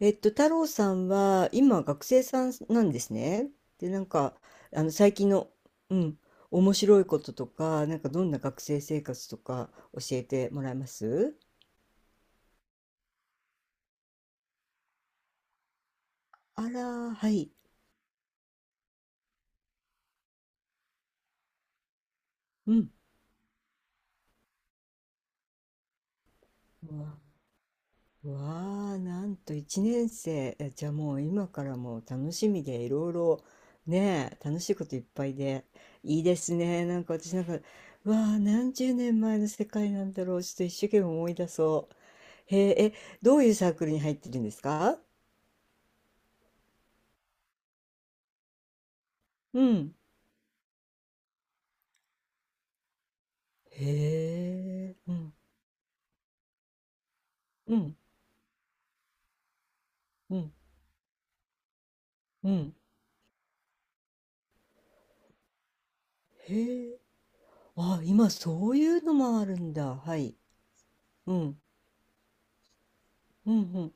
太郎さんは今学生さんなんですね。で、最近の、うん、面白いこととか、なんかどんな学生生活とか教えてもらえます？あらー、はい。うん。わ、わあ、なんと1年生。えじゃあもう今からもう楽しみでいろいろ、ねえ、楽しいこといっぱいで。いいですね。なんか私なんか、わあ、何十年前の世界なんだろう。ちょっと一生懸命思い出そう。へえ、え、どういうサークルに入ってるんですか？うん。へえ、うん、うん、うん、うん。へえ、あ、今そういうのもあるんだ。はい。うん、うん、うん、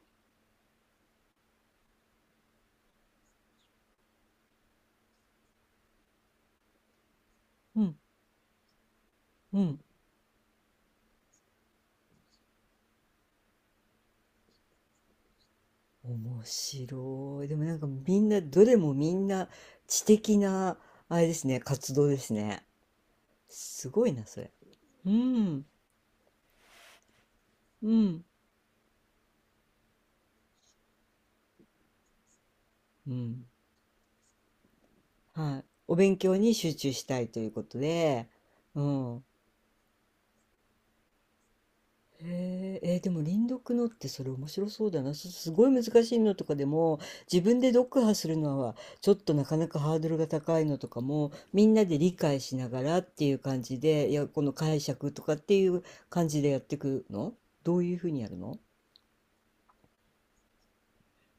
うん、うん。面白い。でもなんかみんな、どれもみんな知的な、あれですね、活動ですね。すごいな、それ。うん、うん、うん。はい。お勉強に集中したいということで、うん。へえ、えーでも輪読のってそれ面白そうだな。すごい難しいのとかでも自分で読破するのはちょっとなかなかハードルが高いのとかもみんなで理解しながらっていう感じで、いや、この解釈とかっていう感じでやってくの？どういうふうにやるの？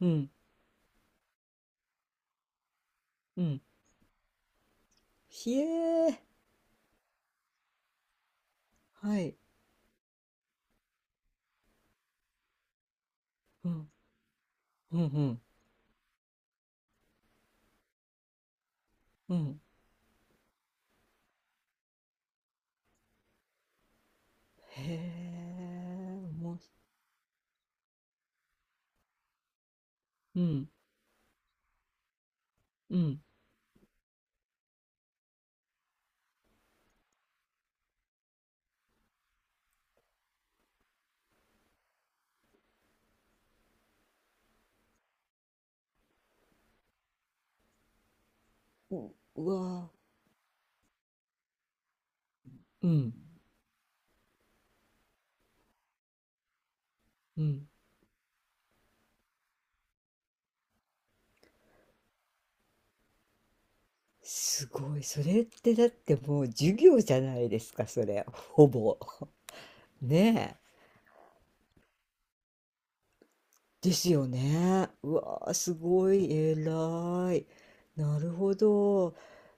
うん、うん。ひえー、はい。うん、うん、うん、うん。へえ、おもし、うん、うん。うわー、うん、うん。すごい。それってだってもう授業じゃないですか、それ。ほぼ。ねですよね。うわー、すごい偉い。なるほど。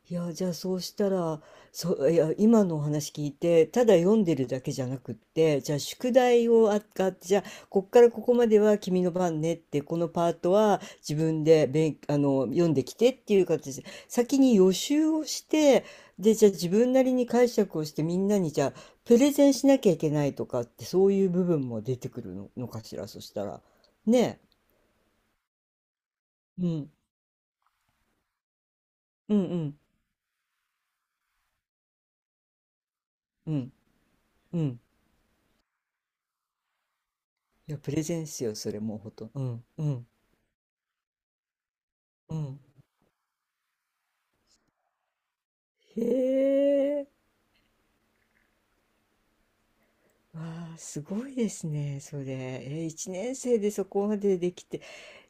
いや、じゃあそうしたら、そう、いや、今のお話聞いて、ただ読んでるだけじゃなくって、じゃあ宿題をあがあって、じゃあ、こっからここまでは君の番ねって、このパートは自分で勉、あの、読んできてっていう形で、先に予習をして、で、じゃあ自分なりに解釈をしてみんなにじゃあ、プレゼンしなきゃいけないとかって、そういう部分も出てくるの、のかしら、そしたら。ねえ、うん、うんうんうんうん、いやプレゼンスようそれもうほとんどうんうんうん、へえ、わあすごいですねそれ、え1年生でそこまでできて、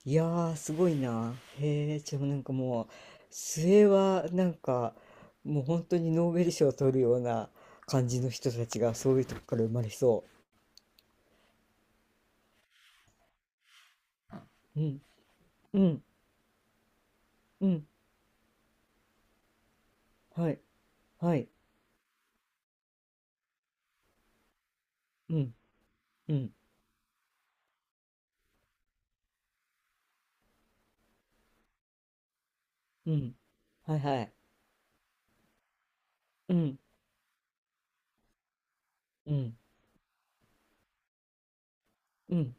いやーすごいな。へえ、じゃあなんかもう末はなんかもう本当にノーベル賞を取るような感じの人たちがそういうとこから生まれそう。うんうんうん、はいはい、うんうんうん、はいはい、うんうんうん、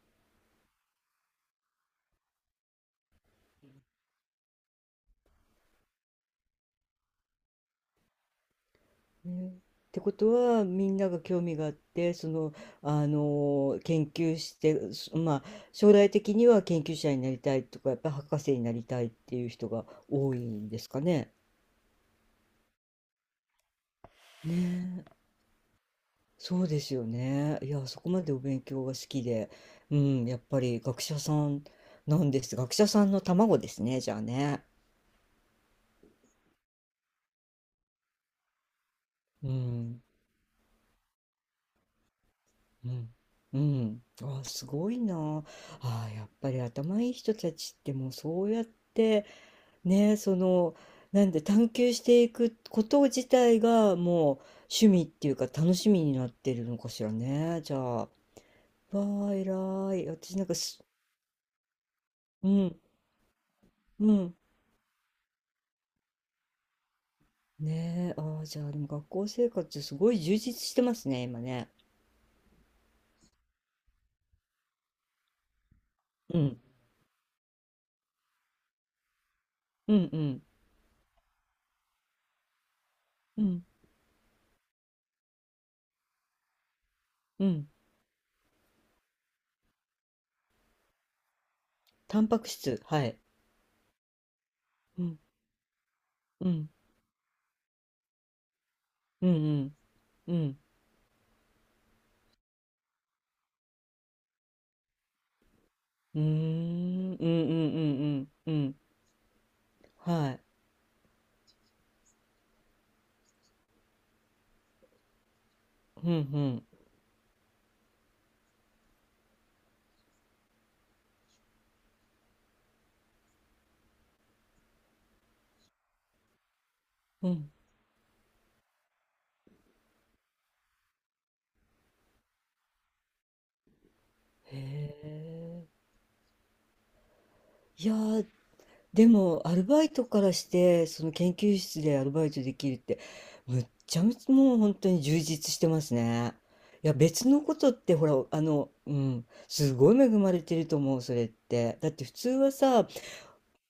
ねってことはみんなが興味があってその、あの研究してそまあ将来的には研究者になりたいとかやっぱり博士になりたいっていう人が多いんですかね。ねえ、そうですよね。いやそこまでお勉強が好きで、うん、やっぱり学者さんなんです。学者さんの卵ですねじゃあね。うんうんうん、あすごいな、あやっぱり頭いい人たちってもうそうやって。ねえ、その、なんで探求していくこと自体がもう趣味っていうか楽しみになってるのかしらね。じゃあ、わあ、偉い。私なんかす、うん、うん。ねえ、ああ、じゃあ、でも学校生活すごい充実してますね、今ね。うん、うん、うん、うん、うん。タンパク質、はい。うん、うん、うん、うん、うん。うーん、うん、うん、うん、うん、うん。はい。うん、うん、うん。へえ。いやー、でも、アルバイトからして、その研究室でアルバイトできるって、むっちゃむちゃもう本当に充実してますね。いや、別のことって、ほら、あの、うん、すごい恵まれてると思う、それって。だって普通はさ、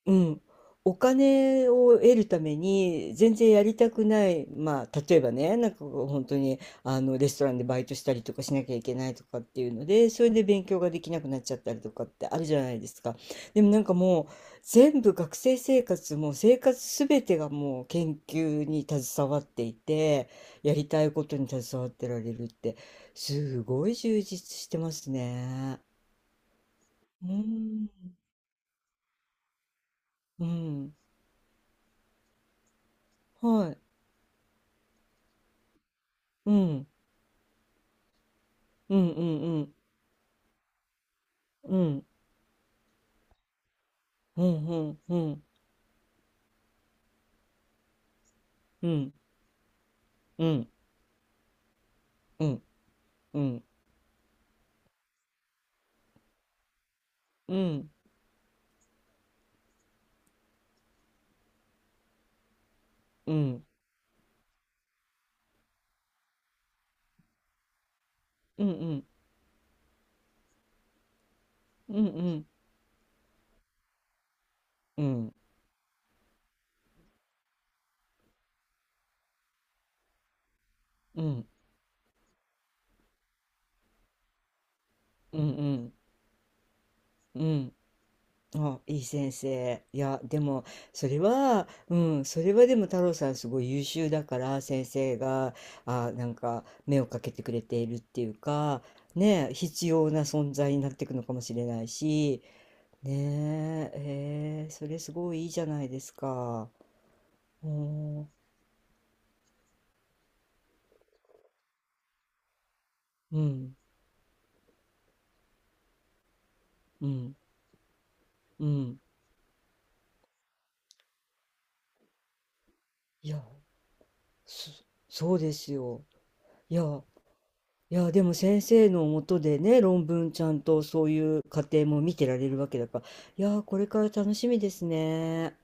うん。お金を得るために、全然やりたくない、まあ、例えばね、なんかこう本当に、あの、レストランでバイトしたりとかしなきゃいけないとかっていうので、それで勉強ができなくなっちゃったりとかってあるじゃないですか。でもなんかもう、全部学生生活、も生活すべてがもう研究に携わっていて、やりたいことに携わってられるって、すごい充実してますね。うん。うん。はい。うん。うんうんうんうんうんうんうんうんうんうんうんうんうんうんうんうんうんうんうんうん、あいい先生、いやでもそれはうん、それはでも太郎さんすごい優秀だから先生があなんか目をかけてくれているっていうか、ね必要な存在になっていくのかもしれないし、ねえ、えーそれすごいいいじゃないですか。うんうん、うん、うん。いや、そそうですよ。いや、いや、でも先生のもとでね、論文ちゃんとそういう過程も見てられるわけだから、いや、これから楽しみですね。